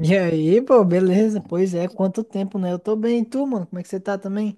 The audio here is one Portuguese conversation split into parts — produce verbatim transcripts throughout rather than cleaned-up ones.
E aí, pô, beleza? Pois é, quanto tempo, né? Eu tô bem, e tu, mano? Como é que você tá também?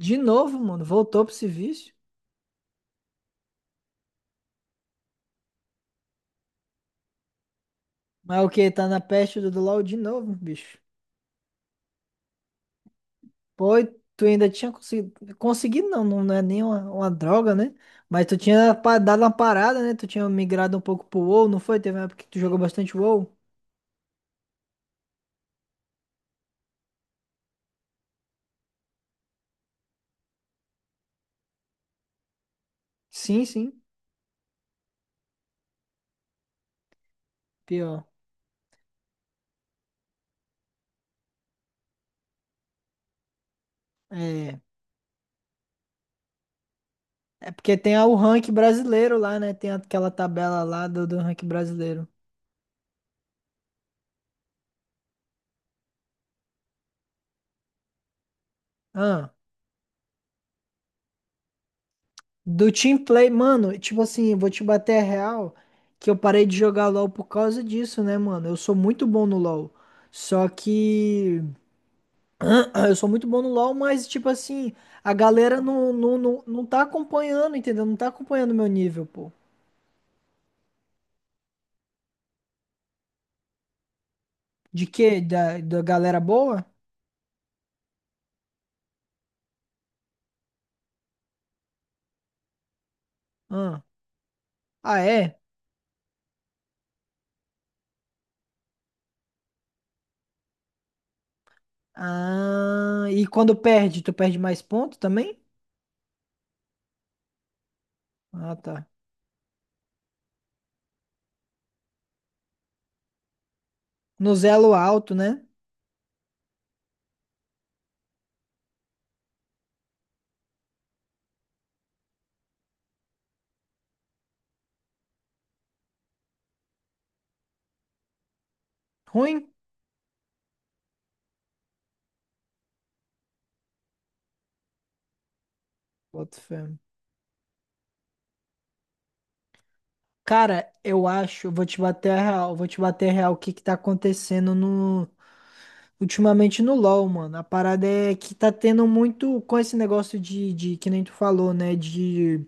De novo, mano, voltou pro serviço? Mas o que? Tá na peste do do LoL de novo, bicho. Pô, e tu ainda tinha conseguido. Conseguido não, não é nem uma, uma droga, né? Mas tu tinha pa- dado uma parada, né? Tu tinha migrado um pouco pro WoW, não foi? Teve uma época que tu jogou bastante WoW? Sim, sim. Pior. É. É porque tem a- o rank brasileiro lá, né? Tem aquela tabela lá do, do rank brasileiro. Ah. Do team play, mano, tipo assim, vou te bater a real que eu parei de jogar LoL por causa disso, né, mano? Eu sou muito bom no LoL. Só que eu sou muito bom no LoL, mas tipo assim, a galera não, não, não, não tá acompanhando, entendeu? Não tá acompanhando o meu nível, pô. De quê? Da, da galera boa? Ah, ah, é? Ah, e quando perde, tu perde mais ponto também? Ah, tá. No elo alto, né? Ruim? Boto fé. Cara, eu acho, vou te bater a real, vou te bater a real o que que tá acontecendo no ultimamente no LoL, mano. A parada é que tá tendo muito com esse negócio de, de que nem tu falou, né, de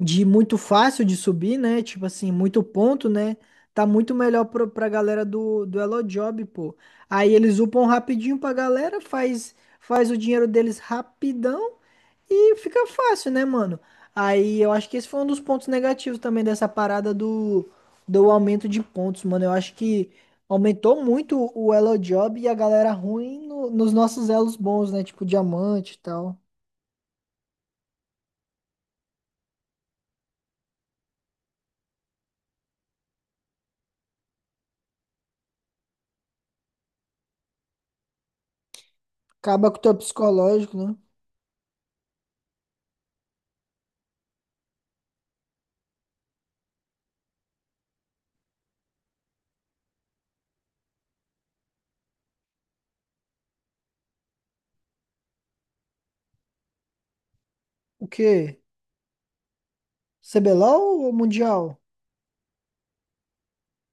de muito fácil de subir, né? Tipo assim, muito ponto, né? Tá muito melhor pro, pra galera do do Elo Job, pô. Aí eles upam rapidinho pra galera, faz faz o dinheiro deles rapidão e fica fácil, né, mano? Aí eu acho que esse foi um dos pontos negativos também dessa parada do, do aumento de pontos, mano. Eu acho que aumentou muito o Elo Job e a galera ruim no- nos nossos elos bons, né? Tipo diamante e tal. Acaba com o teu psicológico, né? O quê? cê bê lol ou Mundial?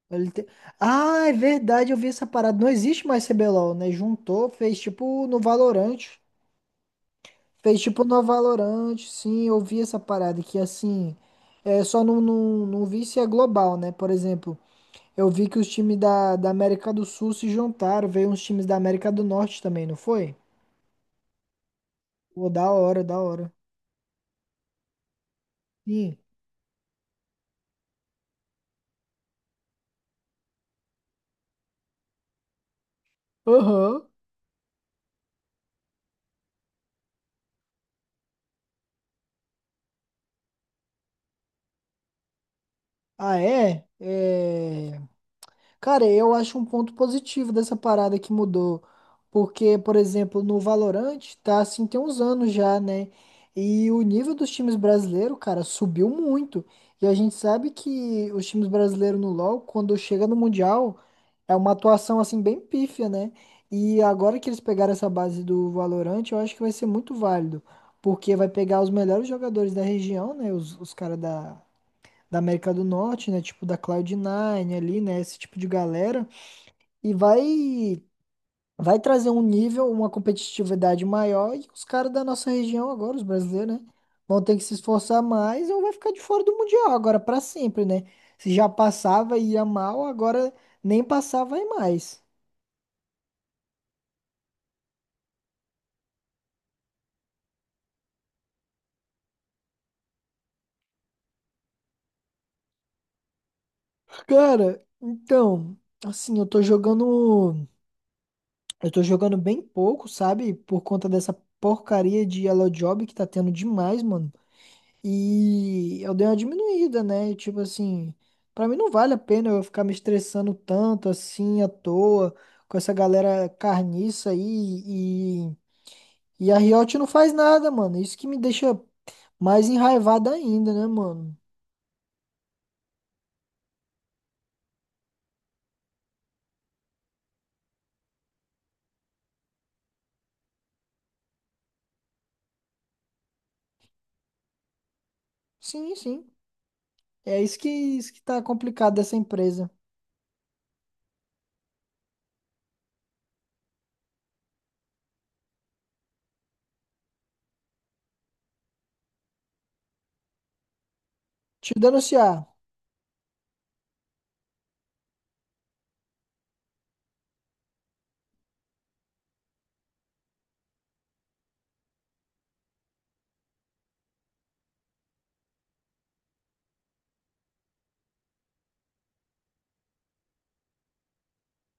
LT... Ah, é verdade, eu vi essa parada. Não existe mais cê bê lol, né? Juntou, fez tipo no Valorant. Fez tipo no Valorant, sim, eu vi essa parada que assim, é, só não, não, não vi se é global, né? Por exemplo, eu vi que os times da, da América do Sul se juntaram, veio uns times da América do Norte também, não foi? Pô, da hora, da hora. Sim. Aham. Ah, é? É. Cara, eu acho um ponto positivo dessa parada que mudou. Porque, por exemplo, no Valorant, tá assim, tem uns anos já, né? E o nível dos times brasileiros, cara, subiu muito. E a gente sabe que os times brasileiros no LoL, quando chega no Mundial, é uma atuação assim bem pífia, né? E agora que eles pegaram essa base do Valorant, eu acho que vai ser muito válido. Porque vai pegar os melhores jogadores da região, né? Os, os caras da, da América do Norte, né? Tipo da cloud nine ali, né? Esse tipo de galera. E vai, vai trazer um nível, uma competitividade maior. E os caras da nossa região agora, os brasileiros, né? Vão ter que se esforçar mais ou vai ficar de fora do Mundial agora pra sempre, né? Se já passava e ia mal, agora nem passava e mais. Cara, então, assim, eu tô jogando. Eu tô jogando bem pouco, sabe? Por conta dessa porcaria de Yellow Job que tá tendo demais, mano. E eu dei uma diminuída, né? E, tipo assim, pra mim não vale a pena eu ficar me estressando tanto assim à toa com essa galera carniça aí e, e a Riot não faz nada, mano. Isso que me deixa mais enraivado ainda, né, mano? Sim, sim. É isso que, isso que tá complicado dessa empresa. Te denunciar.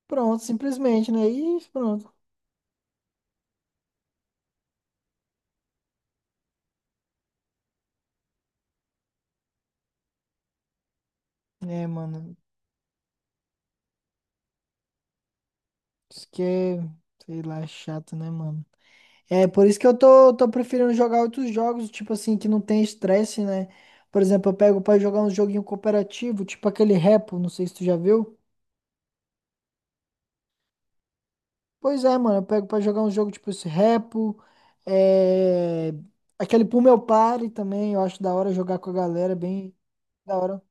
Pronto, simplesmente, né? E pronto. É, mano. Isso que é, sei lá, é chato, né, mano? É por isso que eu tô, tô preferindo jogar outros jogos, tipo assim, que não tem estresse, né? Por exemplo, eu pego pra jogar um joguinho cooperativo, tipo aquele Repo, não sei se tu já viu. Pois é, mano, eu pego pra jogar um jogo tipo esse Repo, é... aquele Pull Meu Party também, eu acho da hora jogar com a galera, bem da hora.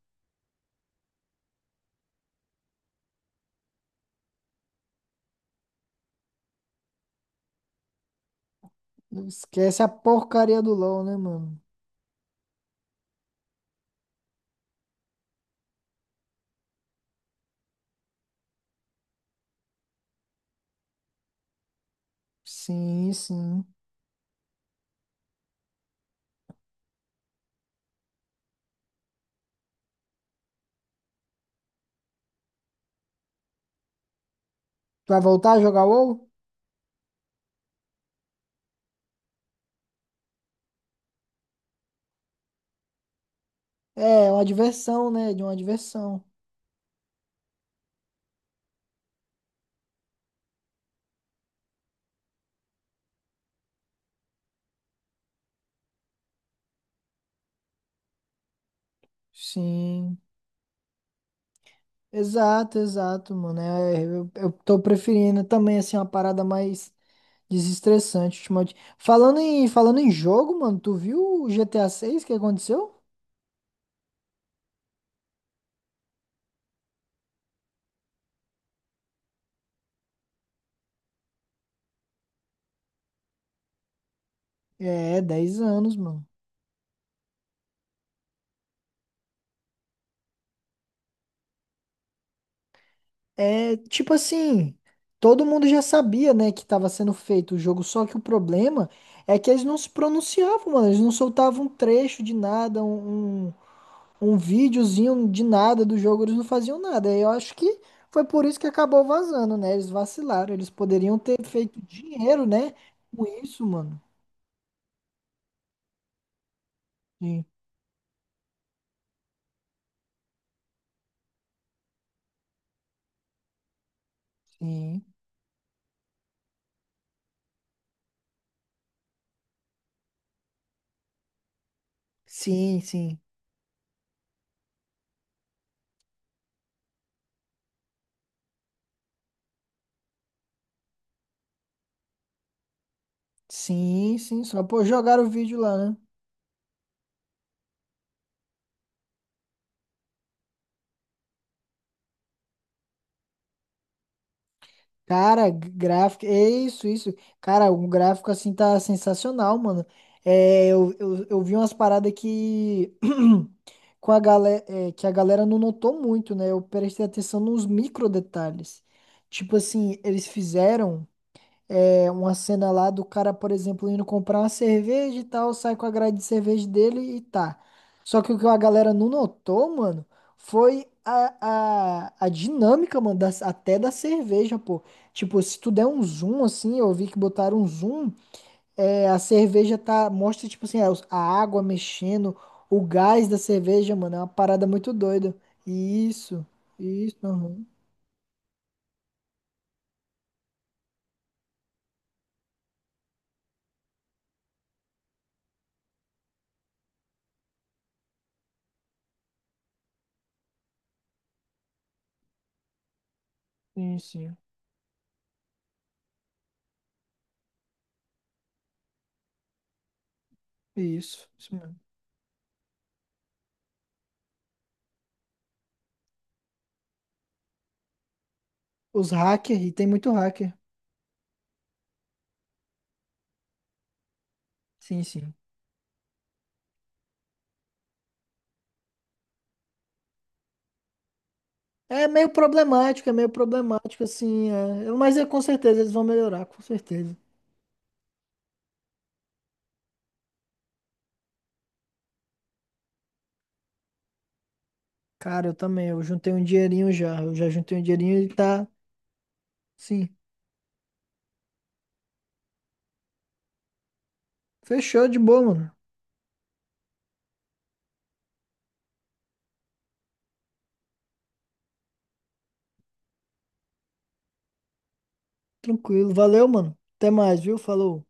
Esquece a porcaria do LoL, né, mano? Sim, sim. Tu vai voltar a jogar WoW? É, é uma diversão, né? De uma diversão. Sim. Exato, exato, mano. É, eu, eu tô preferindo também, assim, uma parada mais desestressante ultimamente. Falando em, falando em jogo, mano, tu viu o G T A seis que aconteceu? É, dez anos, mano. É, tipo assim, todo mundo já sabia, né, que tava sendo feito o jogo, só que o problema é que eles não se pronunciavam, mano. Eles não soltavam um trecho de nada, um, um um videozinho de nada do jogo, eles não faziam nada. Eu acho que foi por isso que acabou vazando, né? Eles vacilaram, eles poderiam ter feito dinheiro, né? Com isso, mano. Sim, sim, sim, sim, sim, sim. Só pô, jogaram o vídeo lá, né? Cara, g- gráfico, é isso, isso. Cara, um gráfico assim tá sensacional, mano. É, eu, eu, eu vi umas paradas que com a galera, que a galera não notou muito, né? Eu prestei atenção nos micro detalhes. Tipo assim, eles fizeram. É uma cena lá do cara, por exemplo, indo comprar uma cerveja e tal, sai com a grade de cerveja dele e tá. Só que o que a galera não notou, mano, foi a, a, a dinâmica, mano, das- até da cerveja, pô. Tipo, se tu der um zoom, assim, eu vi que botaram um zoom, é, a cerveja tá, mostra, tipo assim, a, a água mexendo, o gás da cerveja, mano, é uma parada muito doida. Isso, isso, uhum. Sim, sim, isso, isso mesmo. Os hackers, e tem muito hacker. Sim, sim. É meio problemático, é meio problemático, assim. É. Eu- Mas é, com certeza eles vão melhorar, com certeza. Cara, eu também. Eu juntei um dinheirinho já. Eu já juntei um dinheirinho e tá. Sim. Fechou de boa, mano. Tranquilo. Valeu, mano. Até mais, viu? Falou.